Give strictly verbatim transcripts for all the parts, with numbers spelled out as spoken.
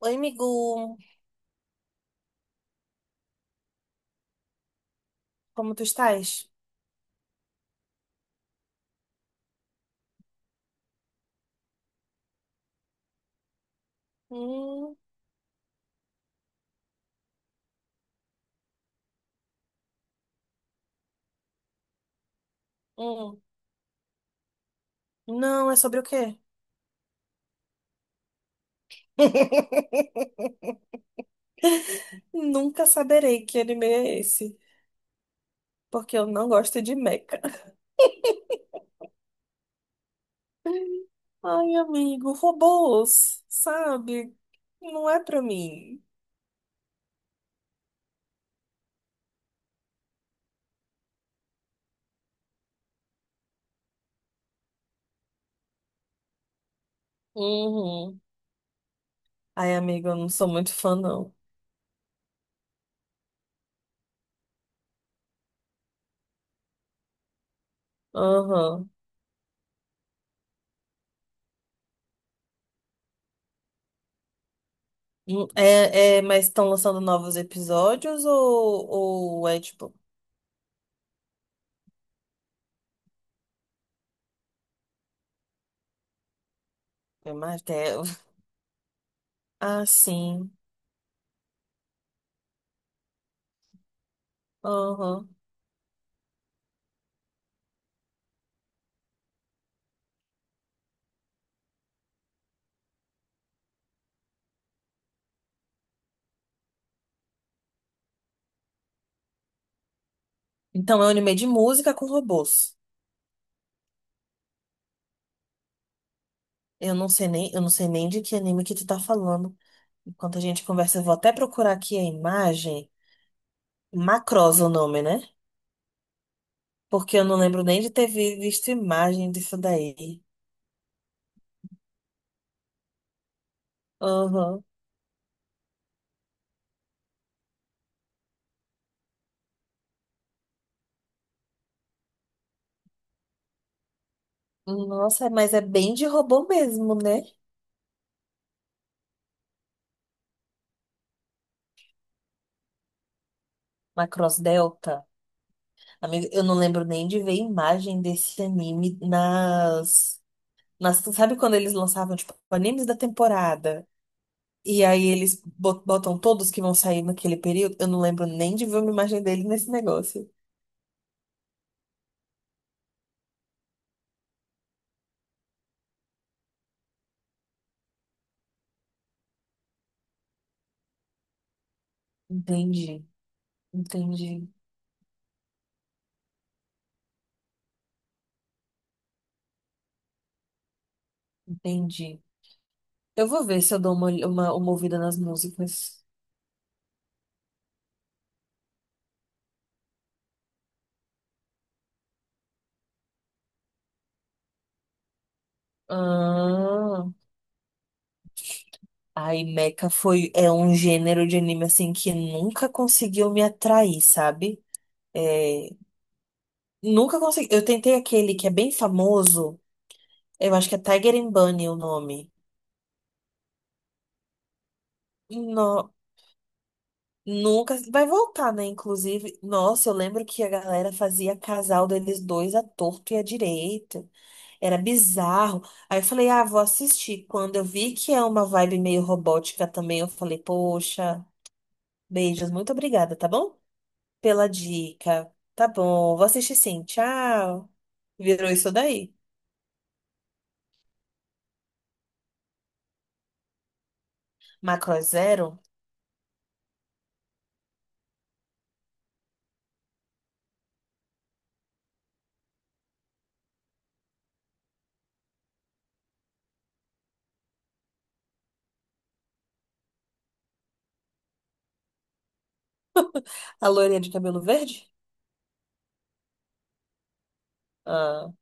Oi, amigo. Como tu estás? Hum, hum. Não, é sobre o quê? Nunca saberei que anime é esse, porque eu não gosto de mecha. Ai, amigo, robôs, sabe? Não é pra mim. Uhum. Ai, amigo, eu não sou muito fã, não. Aham. Hum, É, é, mas estão lançando novos episódios ou, ou é tipo. É mais até. Ah, sim. Aham. Então, é um anime de música com robôs. Eu não sei nem, eu não sei nem de que anime que tu tá falando. Enquanto a gente conversa, eu vou até procurar aqui a imagem. Macross o nome, né? Porque eu não lembro nem de ter vi- visto imagem disso daí. Aham. Nossa, mas é bem de robô mesmo, né? Macross Delta. Amigo, eu não lembro nem de ver imagem desse anime nas, nas... Sabe quando eles lançavam, tipo, animes da temporada? E aí eles bot- botam todos que vão sair naquele período. Eu não lembro nem de ver uma imagem dele nesse negócio. Entendi, entendi, entendi. Eu vou ver se eu dou uma, olh- uma, uma ouvida nas músicas. Ah, aí Mecha foi, é um gênero de anime assim que nunca conseguiu me atrair, sabe? É, nunca consegui. Eu tentei aquele que é bem famoso, eu acho que é Tiger and Bunny o nome. Nunca vai voltar, né? Inclusive, nossa, eu lembro que a galera fazia casal deles dois à torto e à direita. Era bizarro. Aí eu falei, ah, vou assistir. Quando eu vi que é uma vibe meio robótica também, eu falei, poxa, beijos, muito obrigada, tá bom? Pela dica. Tá bom, vou assistir sim, tchau. Virou isso daí. Macro é Zero? A loirinha de cabelo verde? Ah,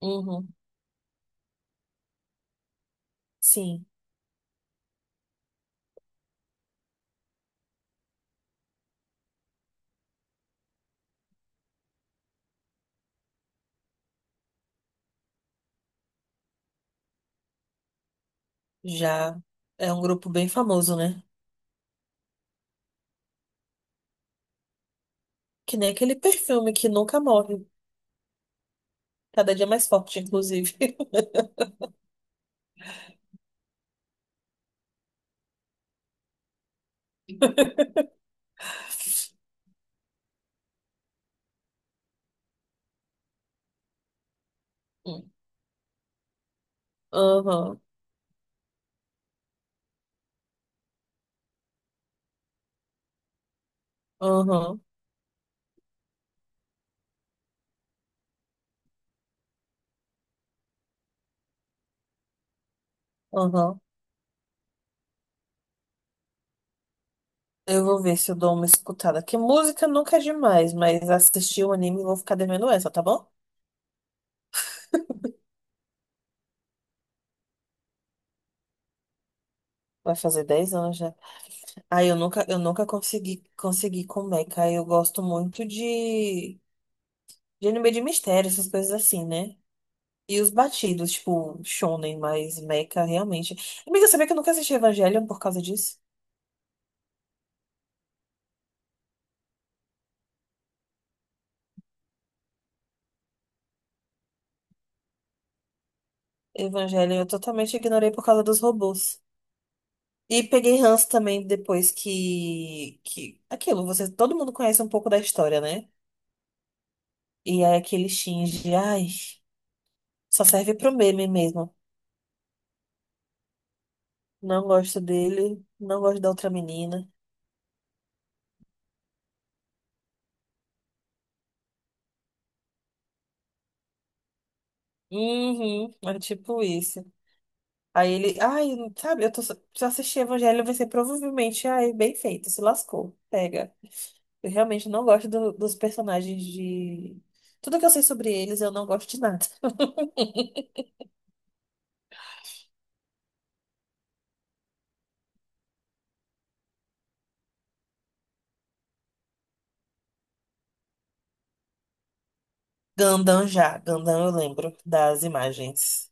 uhum, sim, já. É um grupo bem famoso, né? Que nem aquele perfume que nunca morre. Cada dia mais forte, inclusive. Hum. Aham, aham, aham. Eu vou ver se eu dou uma escutada. Que música nunca é demais, mas assistir o anime eu vou ficar devendo essa, tá bom? Vai fazer dez anos já. Ah, eu nunca, eu nunca consegui, consegui com Mecha. Eu gosto muito de, de anime de mistério, essas coisas assim, né? E os batidos, tipo, shonen, mas Mecha realmente. Amiga, sabia que eu nunca assisti Evangelion por causa disso? Evangelion eu totalmente ignorei por causa dos robôs. E peguei ranço também depois que, que... Aquilo, você, todo mundo conhece um pouco da história, né? E aí aquele Shinji, ai, só serve pro meme mesmo. Não gosto dele, não gosto da outra menina. Uhum, é tipo isso. Aí ele, ai, sabe, eu tô, se eu assistir Evangelho, vai ser provavelmente, ai, bem feito, se lascou, pega. Eu realmente não gosto do- dos personagens de... Tudo que eu sei sobre eles, eu não gosto de nada. Gandam já, Gandam eu lembro das imagens.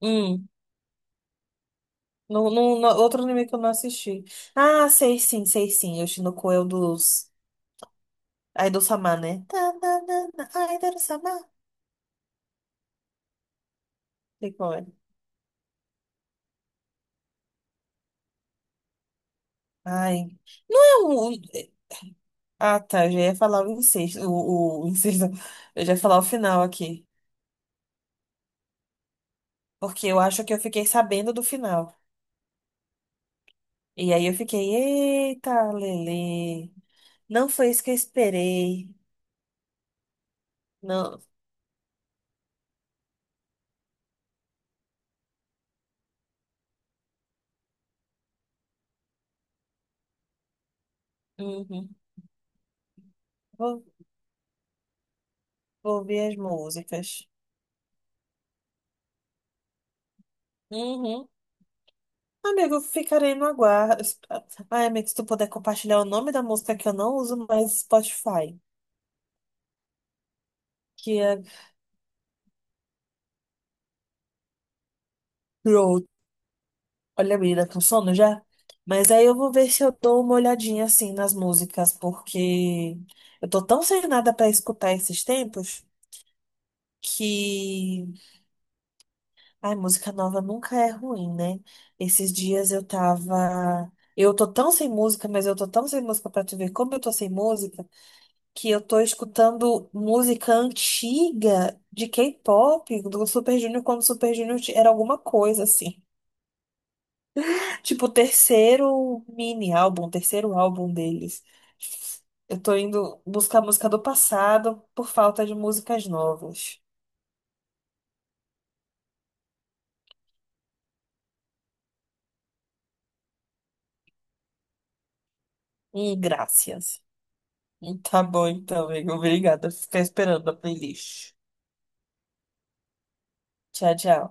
Hum, no, no, no- outro anime que eu não assisti. Ah, sei sim, sei sim. Yoshinoko é o dos Aido-sama, né? Tá, tá, tá, tá, Aido-sama. Sei qual é. Ai. Não, o- ah, tá. Eu já ia falar o incesto. O, o incesto. Eu já ia falar o final aqui. Porque eu acho que eu fiquei sabendo do final. E aí eu fiquei, eita, Lele. Não foi isso que eu esperei. Não. Uhum. Vou, vou ver as músicas. Uhum. Amigo, ficarei no aguardo. Ai, amigo, se tu puder compartilhar o nome da música, que eu não uso mais Spotify, que é Road. Olha, menina, tá com sono já? Mas aí eu vou ver se eu dou uma olhadinha assim nas músicas, porque eu tô tão sem nada pra escutar esses tempos que. Ai, música nova nunca é ruim, né? Esses dias eu tava. Eu tô tão sem música, mas eu tô tão sem música pra tu ver como eu tô sem música. Que eu tô escutando música antiga de k pop, do Super Junior, quando o Super Junior ti- era alguma coisa assim. Tipo, o terceiro mini álbum, o terceiro álbum deles. Eu tô indo buscar música do passado por falta de músicas novas. E graças. Tá bom então, amigo. Obrigada. Ficar esperando a playlist. Tchau, tchau.